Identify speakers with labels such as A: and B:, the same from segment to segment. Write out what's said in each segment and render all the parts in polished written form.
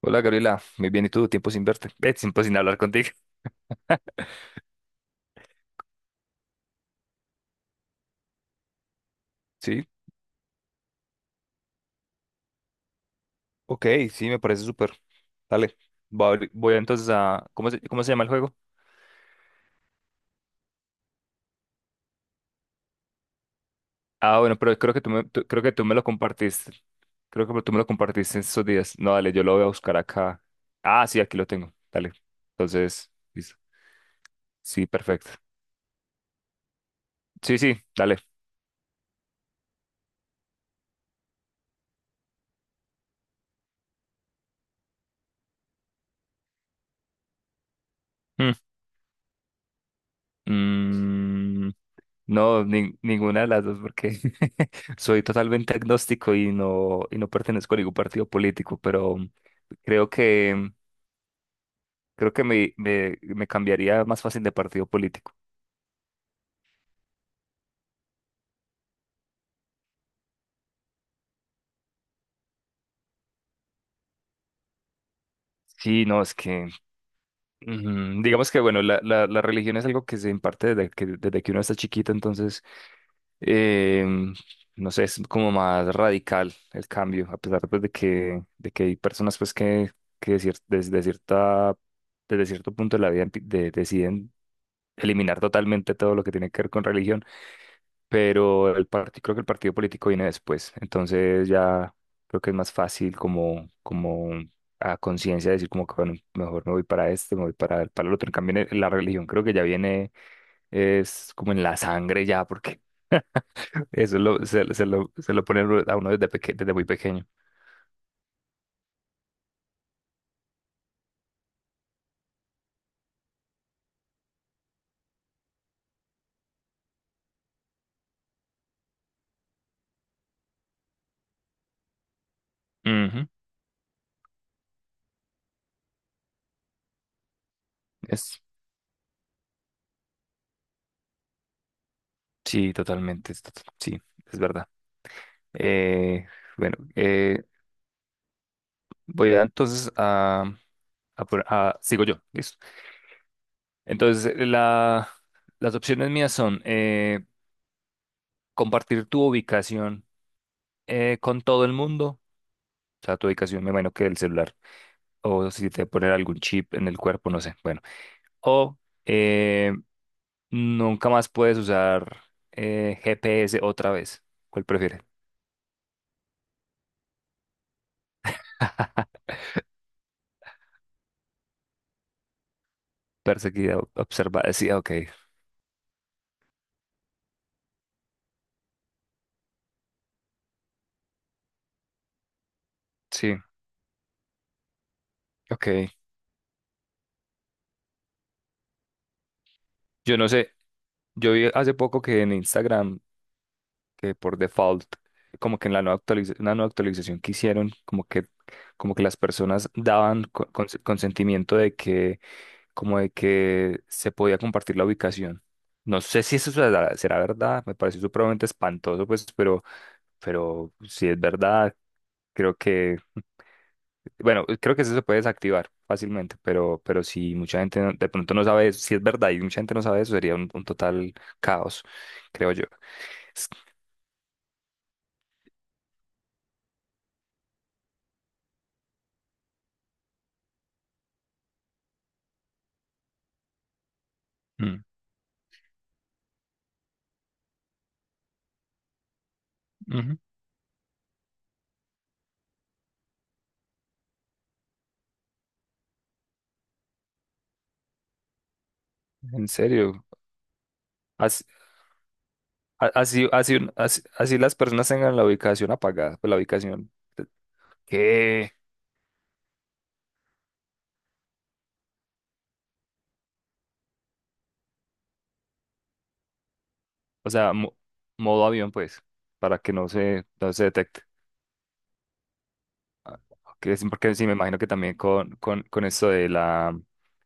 A: Hola Gabriela, muy bien, ¿y tú? Tiempo sin verte, tiempo sin hablar contigo. Sí, ok, sí, me parece súper. Dale, voy entonces a. ¿Cómo se llama el juego? Ah, bueno, pero creo que tú me lo compartiste. Creo que tú me lo compartiste en esos días. No, dale, yo lo voy a buscar acá. Ah, sí, aquí lo tengo. Dale. Entonces, listo. Sí, perfecto. Sí, sí, dale. Mm. Mm, No, ninguna de las dos, porque soy totalmente agnóstico y no pertenezco a ningún partido político, pero creo que, creo que me cambiaría más fácil de partido político. Sí, no, es que, digamos que, bueno, la religión es algo que se imparte desde que uno está chiquito, entonces, em, no sé, es como más radical el cambio, a pesar pues, de que hay personas pues que decir, desde cierto punto de la vida deciden eliminar totalmente todo lo que tiene que ver con religión, pero el partido, creo que el partido político viene después, entonces ya creo que es más fácil como a conciencia decir como que bueno, mejor me voy para este, me voy para el otro, en cambio la religión creo que ya viene, es como en la sangre ya, porque eso lo, se, se lo ponen a uno desde muy pequeño. Ujú. Es, sí, totalmente, sí, es verdad. Eh, bueno, Voy a entonces a por- a- sigo yo, listo. Entonces, las opciones mías son compartir tu ubicación con todo el mundo, o sea, tu ubicación, me imagino que el celular, o si te ponen algún chip en el cuerpo, no sé, bueno. O eh, nunca más puedes usar GPS otra vez. ¿Cuál prefieres? Perseguida, observada, sí, ok, sí, ok. Yo no sé, yo vi hace poco que en Instagram que por default, como que en la nueva una nueva actualización que hicieron, como que, las personas daban consentimiento de que, como de que se podía compartir la ubicación. No sé si eso será verdad, me parece supremamente espantoso, pues, pero si es verdad, creo que, bueno, creo que eso se puede desactivar fácilmente, pero si mucha gente de pronto no sabe eso, si es verdad y mucha gente no sabe eso, sería un total caos, creo yo. Mm, ujú. En serio, así, a- así, así, un- así- así las personas tengan la ubicación apagada, pues la ubicación, eh, ¿qué? O sea, modo avión, pues, para que no se detecte. Ah, ok, sí, porque sí, me imagino que también con esto de la,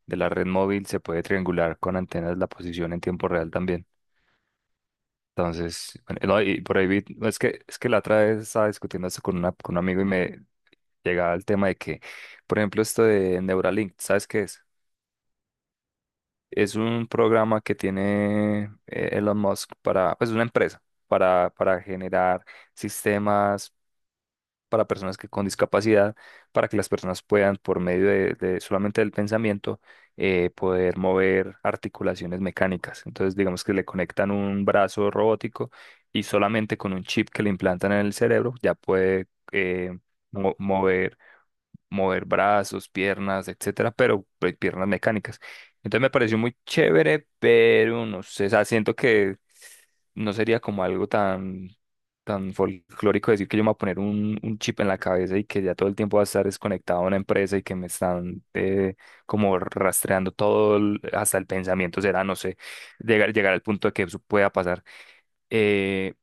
A: de la red móvil se puede triangular con antenas la posición en tiempo real también. Entonces, bueno, no, y por ahí no, es que la otra vez estaba discutiendo esto con un amigo y me llegaba el tema de que, por ejemplo, esto de Neuralink, ¿sabes qué es? Es un programa que tiene Elon Musk pues una empresa para generar sistemas para personas con discapacidad, para que las personas puedan, por medio de solamente del pensamiento, poder mover articulaciones mecánicas. Entonces, digamos que le conectan un brazo robótico y solamente con un chip que le implantan en el cerebro ya puede eh, mo- mover mover brazos, piernas, etcétera, pero pues, piernas mecánicas. Entonces me pareció muy chévere, pero no sé, o sea, siento que no sería como algo tan folclórico decir que yo me voy a poner un chip en la cabeza y que ya todo el tiempo va a estar desconectado a una empresa y que me están como rastreando todo, hasta el pensamiento será, no sé, llegar al punto de que eso pueda pasar. Eh,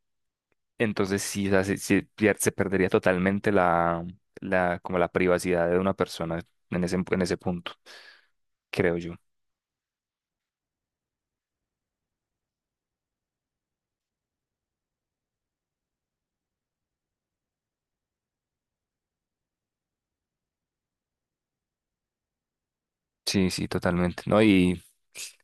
A: entonces sí, o sea, se perdería totalmente como la privacidad de una persona en ese punto, creo yo. Sí, sí, totalmente. No, y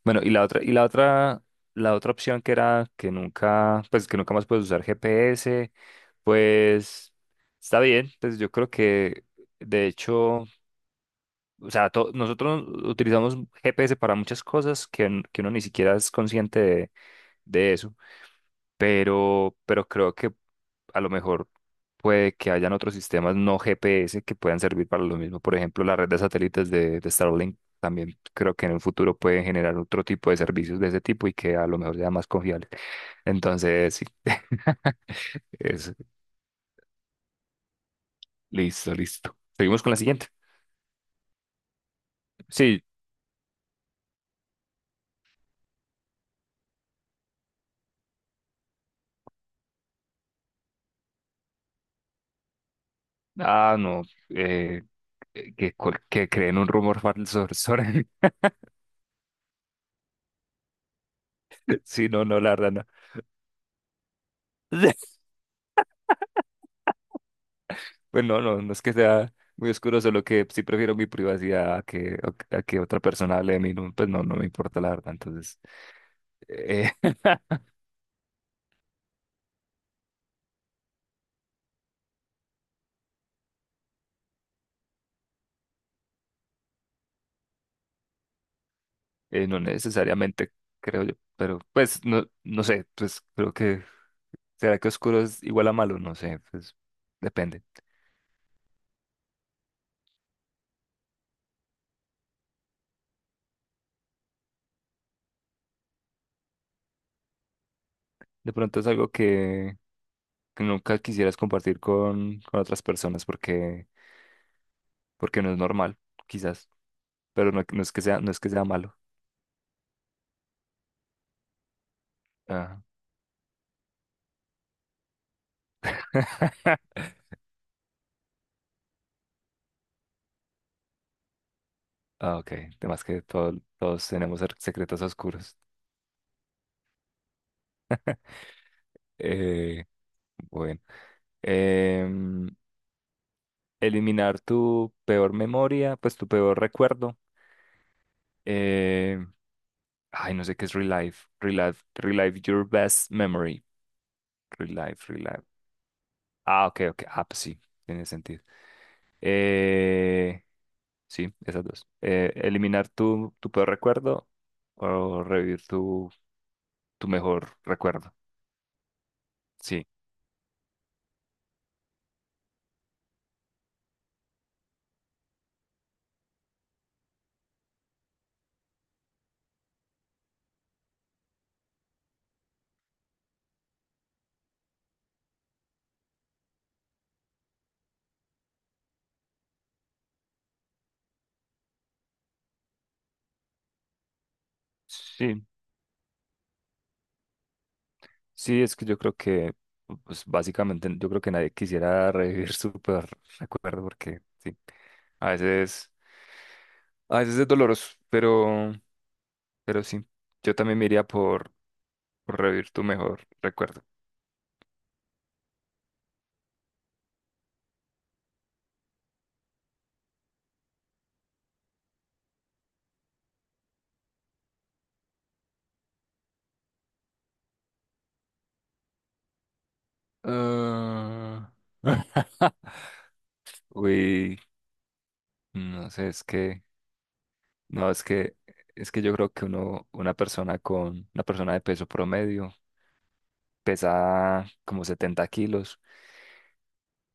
A: bueno, la otra opción que era que nunca más puedes usar GPS, pues está bien, pues yo creo que de hecho, o sea, nosotros utilizamos GPS para muchas cosas que uno ni siquiera es consciente de eso. Pero creo que a lo mejor puede que hayan otros sistemas no GPS que puedan servir para lo mismo. Por ejemplo, la red de satélites de Starlink también creo que en el futuro pueden generar otro tipo de servicios de ese tipo y que a lo mejor sea más confiable. Entonces, sí. Es, listo, listo. Seguimos con la siguiente. Sí. Ah, no. eh, que creen un rumor falso sobre. Sí, no, no, la verdad, no. Pues no, no, no es que sea muy oscuro, solo que sí prefiero mi privacidad a que otra persona hable de mí. No, pues no, no me importa la verdad. Entonces, eh, no necesariamente, creo yo. Pero pues no, no sé, pues creo que será que oscuro es igual a malo, no sé, pues depende. De pronto es algo que nunca quisieras compartir con otras personas porque no es normal, quizás. Pero no, no es que sea malo. Ajá. Ah, ok. Además que todos tenemos secretos oscuros. Eh, bueno. Em, eliminar tu peor memoria, pues tu peor recuerdo. Eh, ay, no sé qué es relive. Relive, relive your best memory. Relive, relive. Ah, ok, ok. Ah, pues sí, tiene sentido. Eh, sí, esas dos. Eliminar tu, tu, peor recuerdo o revivir tu mejor recuerdo. Sí, sí, sí, es que pues básicamente, yo creo que nadie quisiera revivir su peor recuerdo porque, sí, a veces, a veces es doloroso, pero sí, yo también me iría por revivir tu mejor recuerdo. Ah. Uy, no sé, no, es que yo creo que uno, una persona con, una persona de peso promedio pesa como 70 kilos.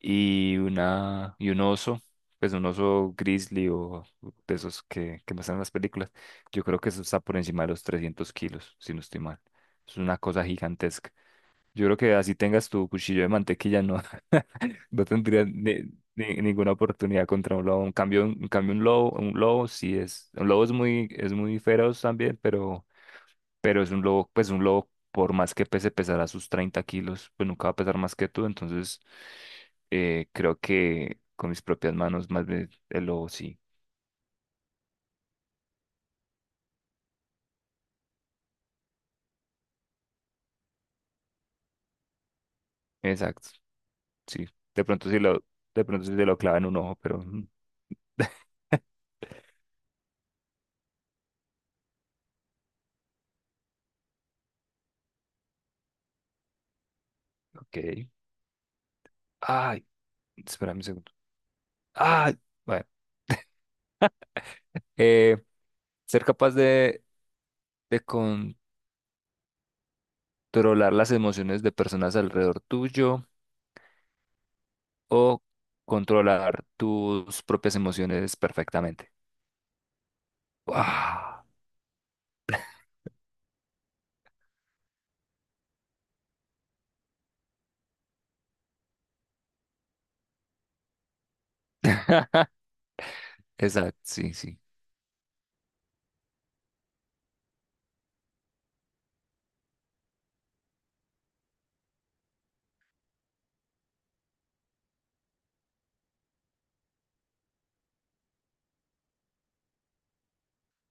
A: Y un oso, pues un oso grizzly o de esos que muestran en las películas. Yo creo que eso está por encima de los 300 kilos, si no estoy mal. Es una cosa gigantesca. Yo creo que así tengas tu cuchillo de mantequilla, no, no tendrías ninguna oportunidad contra un lobo. En cambio, un lobo es muy feroz también, pero es un lobo, pues un lobo, por más que pese pesará sus 30 kilos, pues nunca va a pesar más que tú, entonces creo que con mis propias manos, más bien el lobo, sí, exacto, sí, de pronto sí lo, de pronto sí se lo clava en un ojo, pero ok, ay, espérame un segundo, ay, bueno, eh, ser capaz de controlar las emociones de personas alrededor tuyo o controlar tus propias emociones perfectamente. ¡Guau! Exacto, sí, sí.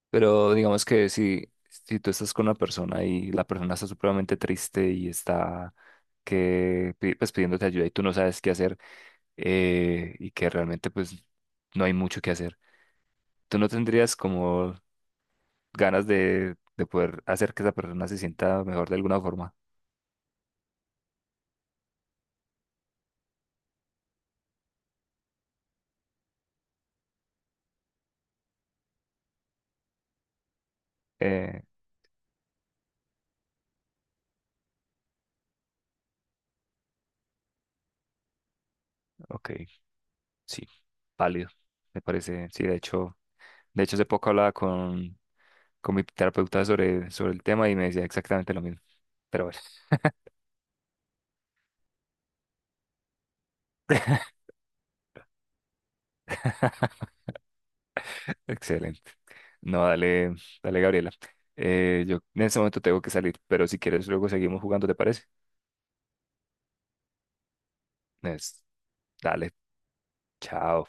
A: Pero digamos que si tú estás con una persona y la persona está supremamente triste y está pues, pidiéndote ayuda y tú no sabes qué hacer y que realmente pues no hay mucho que hacer, ¿tú no tendrías como ganas de poder hacer que esa persona se sienta mejor de alguna forma? Eh, ok, sí, válido, me parece. Sí, de hecho hace poco hablaba con mi terapeuta sobre el tema y me decía exactamente lo mismo. Pero bueno. Excelente. No, dale, dale, Gabriela. Yo en este momento tengo que salir, pero si quieres luego seguimos jugando, ¿te parece? Es- dale, chao.